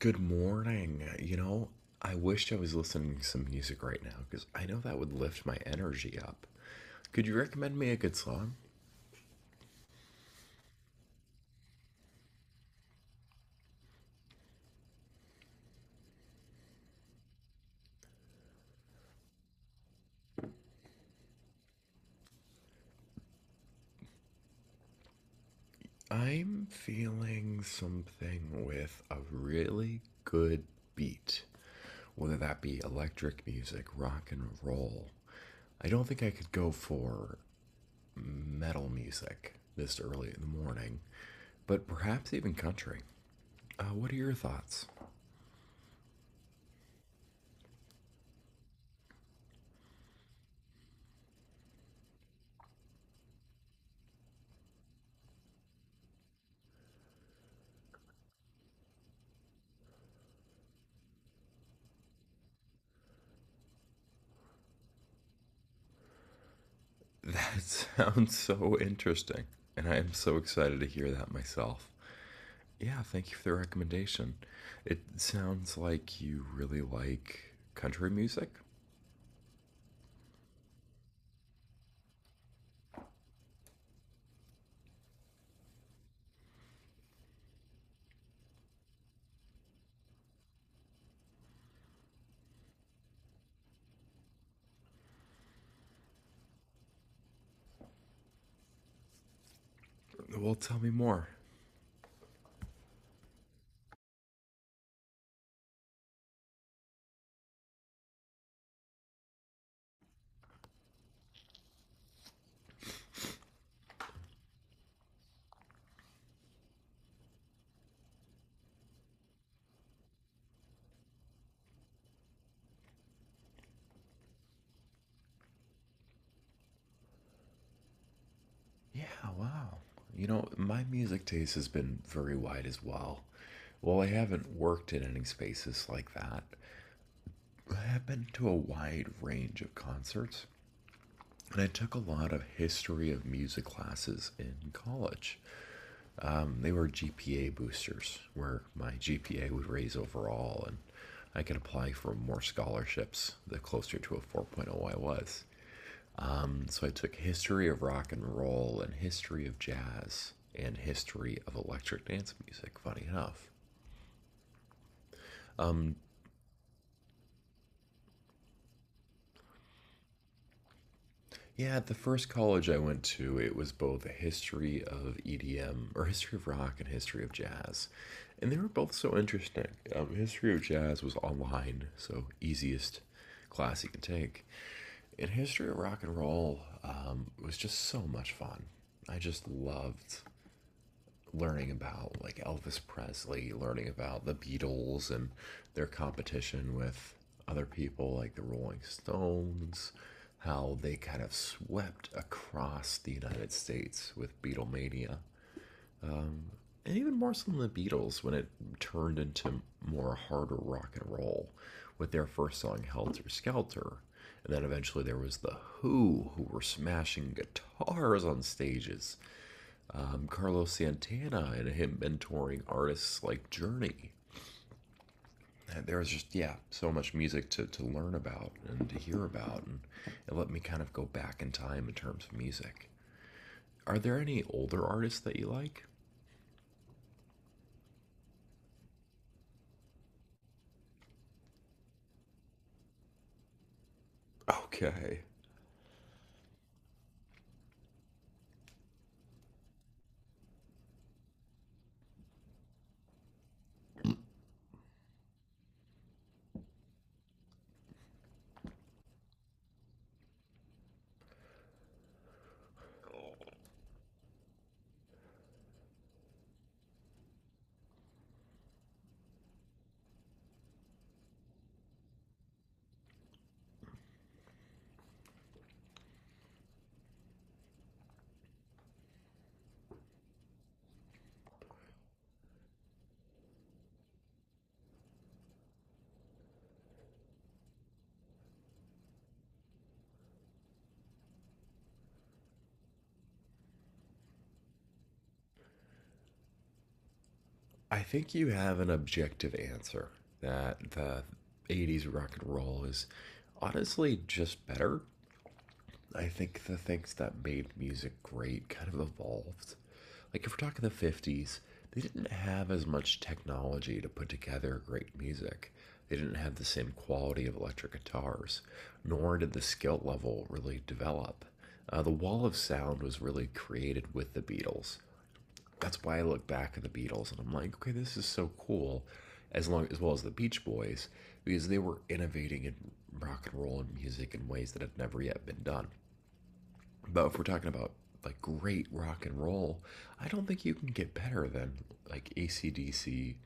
Good morning. I wished I was listening to some music right now because I know that would lift my energy up. Could you recommend me a good song? I'm feeling something with a really good beat, whether that be electric music, rock and roll. I don't think I could go for metal music this early in the morning, but perhaps even country. What are your thoughts? That sounds so interesting. And I am so excited to hear that myself. Yeah, thank you for the recommendation. It sounds like you really like country music. Well, tell me more. Yeah, wow. You know, my music taste has been very wide as well. While I haven't worked in any spaces like that, I have been to a wide range of concerts, and I took a lot of history of music classes in college. They were GPA boosters, where my GPA would raise overall, and I could apply for more scholarships the closer to a 4.0 I was. So I took history of rock and roll and history of jazz and history of electric dance music. Funny enough, yeah, at the first college I went to, it was both a history of EDM or history of rock and history of jazz. And they were both so interesting. History of jazz was online, so easiest class you can take. And history of rock and roll was just so much fun. I just loved learning about like Elvis Presley, learning about the Beatles and their competition with other people like the Rolling Stones, how they kind of swept across the United States with Beatlemania. And even more so than the Beatles when it turned into more harder rock and roll with their first song Helter Skelter. And then eventually there was the who were smashing guitars on stages, Carlos Santana and him mentoring artists like Journey. And there was just yeah, so much music to learn about and to hear about, and it let me kind of go back in time in terms of music. Are there any older artists that you like? Okay, I think you have an objective answer that the 80s rock and roll is honestly just better. I think the things that made music great kind of evolved. Like if we're talking the 50s, they didn't have as much technology to put together great music. They didn't have the same quality of electric guitars, nor did the skill level really develop. The wall of sound was really created with the Beatles. That's why I look back at the Beatles and I'm like, okay, this is so cool, as long as well as the Beach Boys, because they were innovating in rock and roll and music in ways that had never yet been done. But if we're talking about like great rock and roll, I don't think you can get better than like ACDC,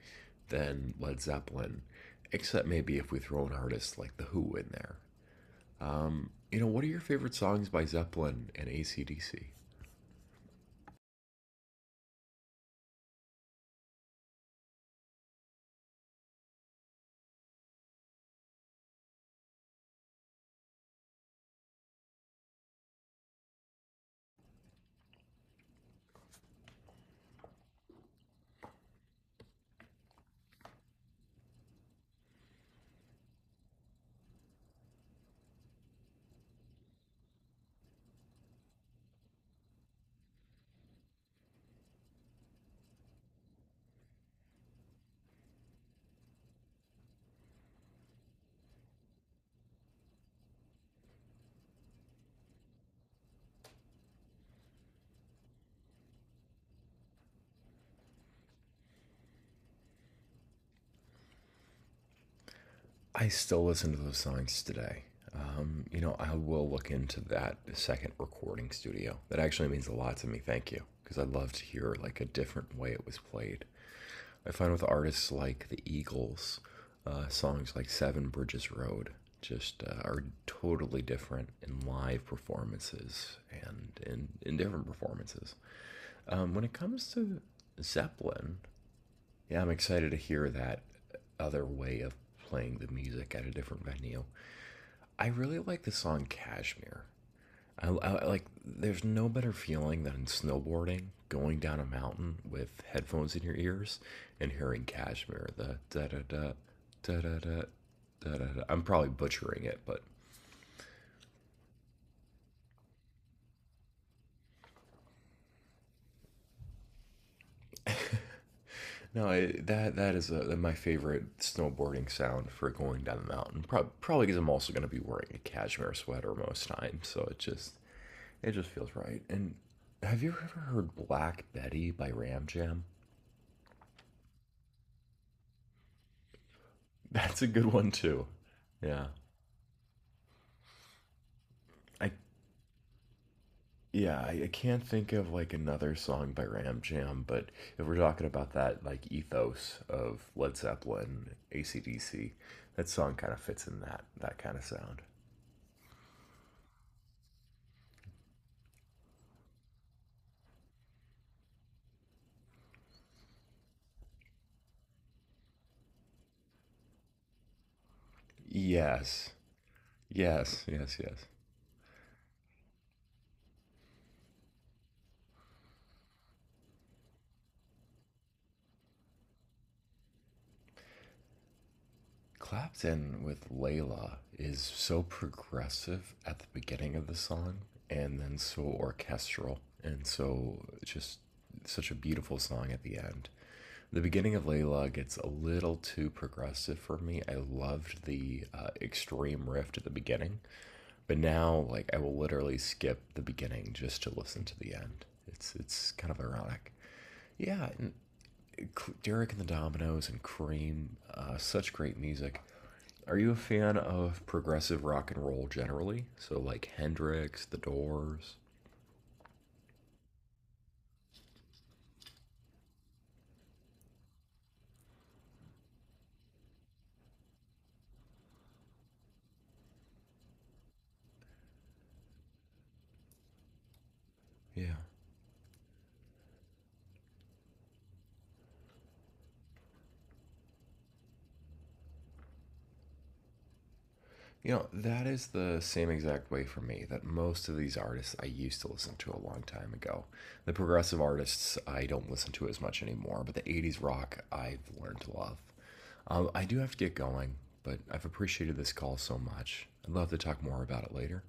than Led Zeppelin, except maybe if we throw an artist like The Who in there. You know, what are your favorite songs by Zeppelin and ACDC? I still listen to those songs today. You know, I will look into that second recording studio. That actually means a lot to me. Thank you, because I love to hear like a different way it was played. I find with artists like the Eagles, songs like Seven Bridges Road just are totally different in live performances and in different performances. When it comes to Zeppelin, yeah, I'm excited to hear that other way of playing the music at a different venue. I really like the song Kashmir. I There's no better feeling than snowboarding, going down a mountain with headphones in your ears, and hearing Kashmir. The da da da da da da da da. I'm probably butchering it, but no, it, that that is my favorite snowboarding sound for going down the mountain. Probably because I'm also going to be wearing a cashmere sweater most times, so it just feels right. And have you ever heard Black Betty by Ram Jam? That's a good one too. Yeah. I I can't think of like another song by Ram Jam, but if we're talking about that like ethos of Led Zeppelin, ACDC, that song kind of fits in that kind of sound. Yes. Yes, yes, yes. Clapton with Layla is so progressive at the beginning of the song and then so orchestral and so just such a beautiful song at the end. The beginning of Layla gets a little too progressive for me. I loved the extreme riff at the beginning, but now like I will literally skip the beginning just to listen to the end. It's kind of ironic. Yeah, and Derek and the Dominoes and Cream, such great music. Are you a fan of progressive rock and roll generally? So like Hendrix, The Doors. Yeah. You know, that is the same exact way for me that most of these artists I used to listen to a long time ago. The progressive artists I don't listen to as much anymore, but the 80s rock I've learned to love. I do have to get going, but I've appreciated this call so much. I'd love to talk more about it later.